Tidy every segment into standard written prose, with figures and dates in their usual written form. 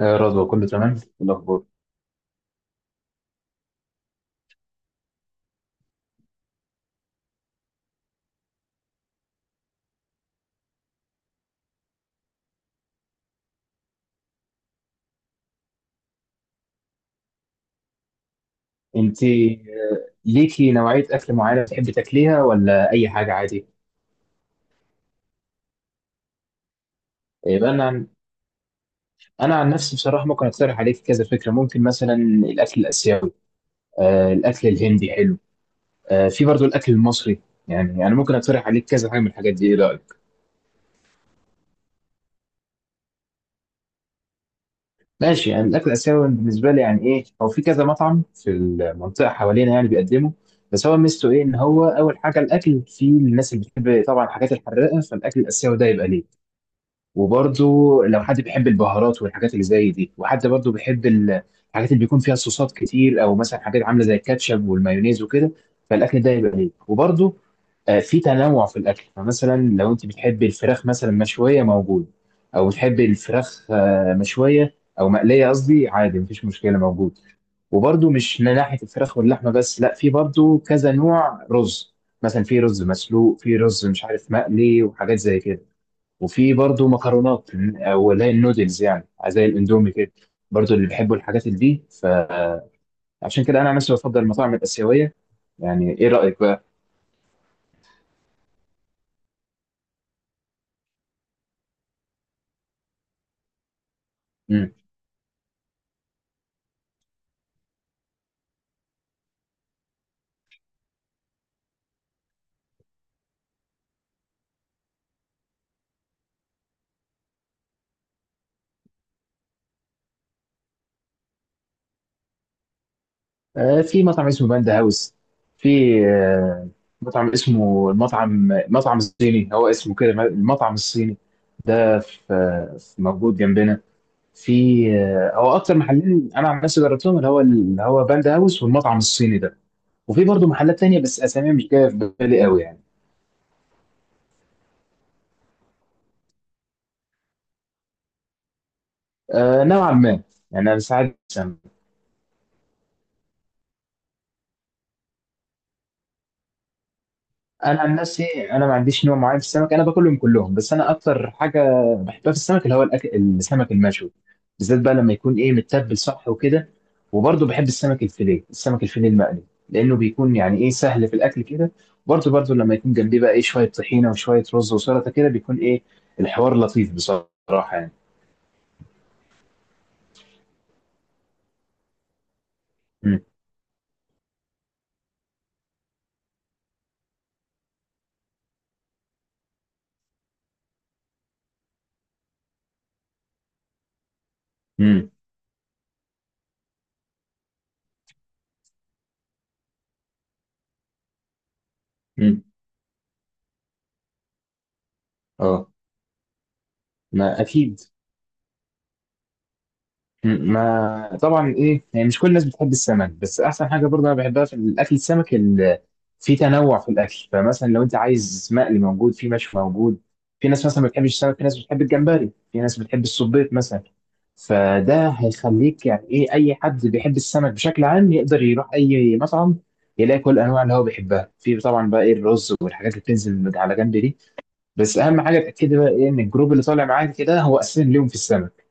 آه، رضوى كله تمام. إيه الاخبار؟ انت ليكي نوعيه اكل معينه بتحبي تاكليها ولا اي حاجه عادي؟ آه، بقى انا عن... انا عن نفسي بصراحه ممكن اقترح عليك كذا فكره، ممكن مثلا الاكل الاسيوي. الاكل الهندي حلو. في برضو الاكل المصري. يعني انا ممكن اقترح عليك كذا حاجه من الحاجات دي، ايه رايك؟ ماشي. يعني الاكل الاسيوي بالنسبه لي يعني ايه، هو في كذا مطعم في المنطقه حوالينا يعني بيقدمه. بس هو ميزته ايه؟ ان هو اول حاجه الاكل في الناس اللي بتحب طبعا الحاجات الحراقه، فالاكل الاسيوي ده يبقى ليه. وبرضو لو حد بيحب البهارات والحاجات اللي زي دي، وحد برضو بيحب الحاجات اللي بيكون فيها صوصات كتير، او مثلا حاجات عامله زي الكاتشب والمايونيز وكده، فالاكل ده يبقى ليه. وبرضو في تنوع في الاكل، فمثلا لو انت بتحب الفراخ مثلا مشويه موجود، او بتحب الفراخ مشويه او مقليه، قصدي عادي مفيش مشكله موجود. وبرضو مش من ناحيه الفراخ واللحمه بس، لا، في برضو كذا نوع رز، مثلا في رز مسلوق، في رز مش عارف مقلي وحاجات زي كده، وفي برضو مكرونات او اللي هي النودلز، يعني زي الاندومي كده، برضو اللي بيحبوا الحاجات اللي دي. فعشان كده انا عن نفسي بفضل المطاعم الاسيويه. يعني ايه رايك بقى؟ مم. في مطعم اسمه باندا هاوس. في آه مطعم اسمه المطعم، مطعم الصيني، هو اسمه كده، المطعم الصيني ده. في موجود جنبنا. في هو اكتر محلين انا عن نفسي جربتهم، اللي هو باندا هاوس والمطعم الصيني ده. وفي برضه محلات تانية بس اساميها مش جايه في بالي قوي يعني. آه، نوعا ما. يعني انا ساعات السمك. انا عن نفسي انا ما عنديش نوع معين في السمك، انا باكلهم كلهم، بس انا اكتر حاجه بحبها في السمك اللي هو الأكل السمك المشوي، بالذات بقى لما يكون ايه متبل صح وكده. وبرضه بحب السمك الفيليه، السمك الفيليه المقلي، لانه بيكون يعني ايه سهل في الاكل كده. برضه لما يكون جنبيه بقى ايه شويه طحينه وشويه رز وسلطه كده، بيكون ايه الحوار لطيف بصراحه يعني. امم. امم. اه. ما اكيد. ما طبعا، ايه يعني، مش كل الناس بتحب السمك، بس احسن حاجه برضه انا بحبها في الاكل السمك في تنوع في الاكل، فمثلا لو انت عايز مقلي موجود، في مشوي موجود. في ناس مثلا ما بتحبش السمك، في ناس بتحب الجمبري، في ناس بتحب الصبيط مثلا، فده هيخليك يعني ايه اي حد بيحب السمك بشكل عام يقدر يروح اي مطعم يلاقي كل الانواع اللي هو بيحبها، في طبعا بقى ايه الرز والحاجات اللي بتنزل على جنب دي. بس اهم حاجه تاكدي بقى ايه ان الجروب اللي طالع معاك كده هو اساسا ليهم في السمك،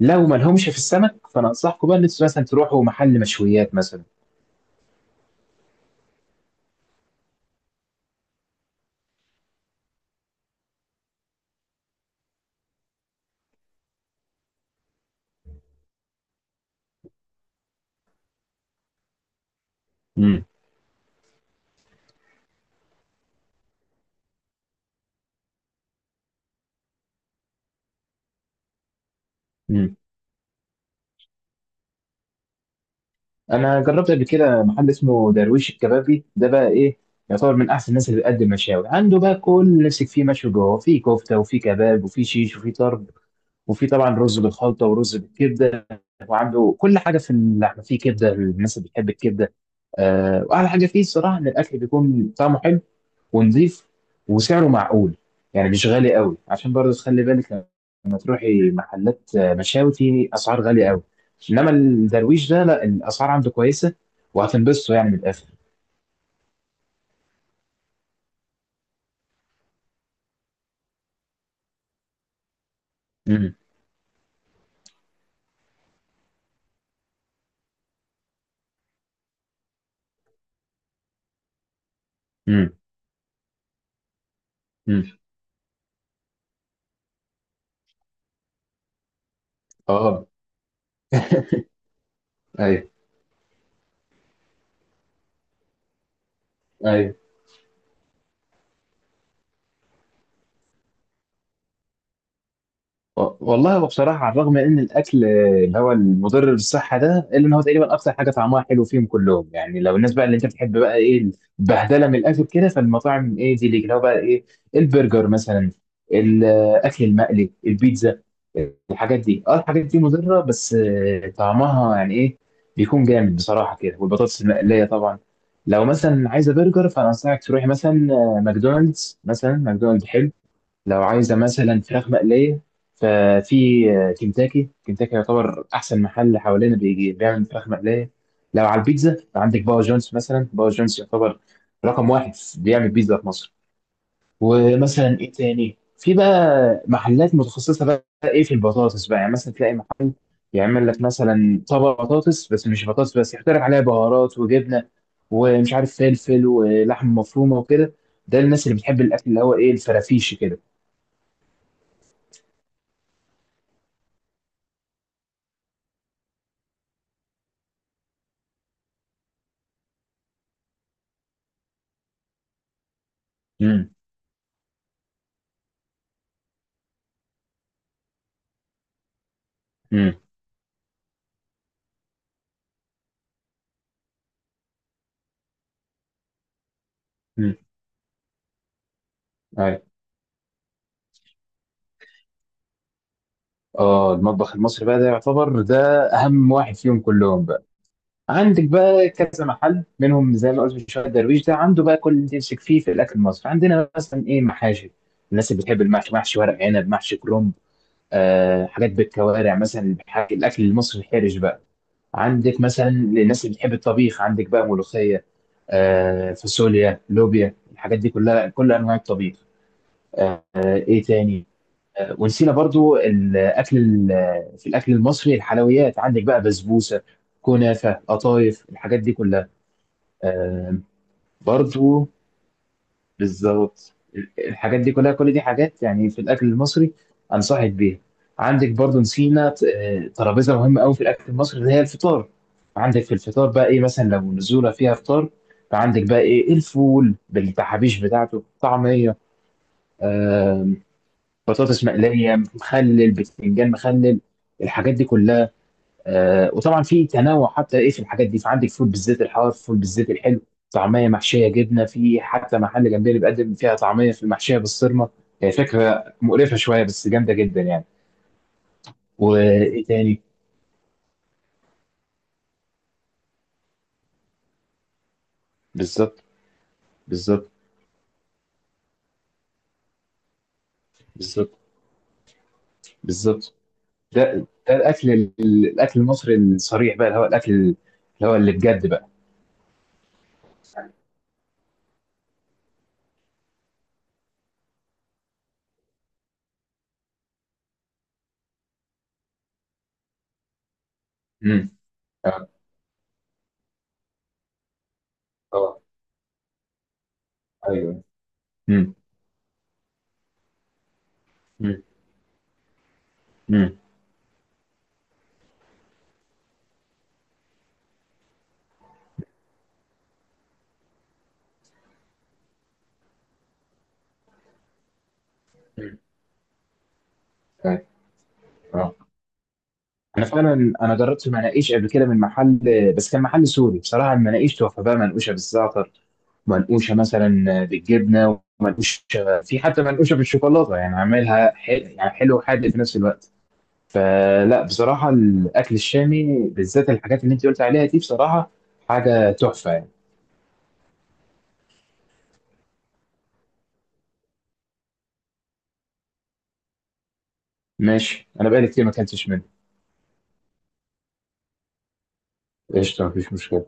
لو ما لهمش في السمك فانا انصحكم بقى ان انتوا مثلا تروحوا محل مشويات مثلا. امم. امم. انا جربت قبل كده محل اسمه درويش الكبابي، ده بقى ايه يعتبر من احسن الناس اللي بتقدم مشاوي، عنده بقى كل اللي نفسك فيه مشوي جوه، في كفته وفي كباب وفي شيش وفي طرب، وفي طبعا رز بالخلطه ورز بالكبده، وعنده كل حاجه في اللحمه، في كبده للناس اللي بتحب الكبده. آه، واحلى حاجه فيه الصراحه ان الاكل بيكون طعمه حلو ونضيف وسعره معقول، يعني مش غالي قوي، عشان برضه تخلي بالك لما تروحي محلات مشاوي في اسعار غاليه قوي، انما الدرويش ده لا، الاسعار عنده كويسه وهتنبسطوا يعني من الاخر. امم. امم. امم. اه. ايوه. ايوه. والله، هو بصراحة على الرغم ان الاكل اللي هو المضر بالصحة ده، الا ان هو تقريبا اكتر حاجة طعمها حلو فيهم كلهم، يعني لو الناس بقى اللي انت بتحب بقى ايه البهدلة من الاكل كده، فالمطاعم ايه دي ليك، اللي هو بقى ايه البرجر مثلا، الاكل المقلي، البيتزا، الحاجات دي، اه الحاجات دي مضرة، بس طعمها يعني ايه بيكون جامد بصراحة كده، والبطاطس المقلية طبعا. لو مثلا عايزة برجر فانا انصحك تروحي مثلا ماكدونالدز، مثلا ماكدونالدز حلو. لو عايزة مثلا فراخ مقلية ففي كنتاكي، كنتاكي يعتبر أحسن محل حوالينا بيجي بيعمل فراخ مقلية. لو على البيتزا عندك باور جونز، مثلا باور جونز يعتبر رقم واحد بيعمل بيتزا في مصر. ومثلا إيه تاني، في بقى محلات متخصصة بقى إيه في البطاطس بقى، يعني مثلا تلاقي محل يعمل لك مثلا طبق بطاطس، بس مش بطاطس بس، يحط لك عليها بهارات وجبنة ومش عارف فلفل ولحم مفرومة وكده، ده الناس اللي بتحب الأكل اللي هو إيه الفرافيش كده. امم. مم. أيوة. اه، المطبخ المصري بقى ده يعتبر ده اهم واحد فيهم كلهم بقى. عندك بقى كذا محل منهم، زي ما قلت من شويه درويش ده، عنده بقى كل اللي تمسك فيه في الاكل المصري، عندنا مثلا ايه محاشي، الناس اللي بتحب المحشي، محشي ورق عنب، محشي كرنب. آه، حاجات بالكوارع مثلا، الاكل المصري الحرج بقى، عندك مثلا الناس اللي بتحب الطبيخ، عندك بقى ملوخيه، آه، فاصوليا، لوبيا، الحاجات دي كلها، كل انواع الطبيخ. ايه تاني؟ ونسينا برضو الاكل في الاكل المصري الحلويات، عندك بقى بسبوسه، كنافه، قطايف، الحاجات دي كلها. آه، برضو، بالظبط، الحاجات دي كلها، كل دي حاجات يعني في الاكل المصري انصحك بيها. عندك برضو نسينا ترابيزه مهمه قوي في الاكل المصري، اللي هي الفطار. عندك في الفطار بقى ايه، مثلا لو نزوله فيها فطار فعندك بقى ايه الفول بالتحابيش بتاعته، طعميه، آه، بطاطس مقليه، مخلل، بتنجان مخلل، الحاجات دي كلها. وطبعا في تنوع حتى ايه في الحاجات دي، فعندك فول بالزيت الحار، فول بالزيت الحلو، طعميه محشيه جبنه، في حتى محل جنبي اللي بيقدم فيها طعميه في المحشيه بالصرمه، هي فكره مقرفه شويه بس جامده جدا يعني. وايه تاني؟ بالظبط. بالظبط. بالظبط. بالظبط. ده الاكل الاكل المصري الصريح بقى، اللي هو الاكل اللي هو اللي بجد بقى. امم. اه. آه. ايوه. امم. امم. طيب. اه. انا فعلا انا جربت المناقيش قبل كده من محل، بس كان محل سوري بصراحه. المناقيش تحفه بقى، منقوشه بالزعتر، منقوشه مثلا بالجبنه، ومنقوشه في حتى منقوشه بالشوكولاته، يعني عاملها يعني حلو وحادق في نفس الوقت. فلا بصراحه الاكل الشامي بالذات الحاجات اللي انت قلت عليها دي بصراحه حاجه تحفه يعني. ماشي، انا بقالي كتير ما اكلتش منه. قشطه، مفيش مشكله.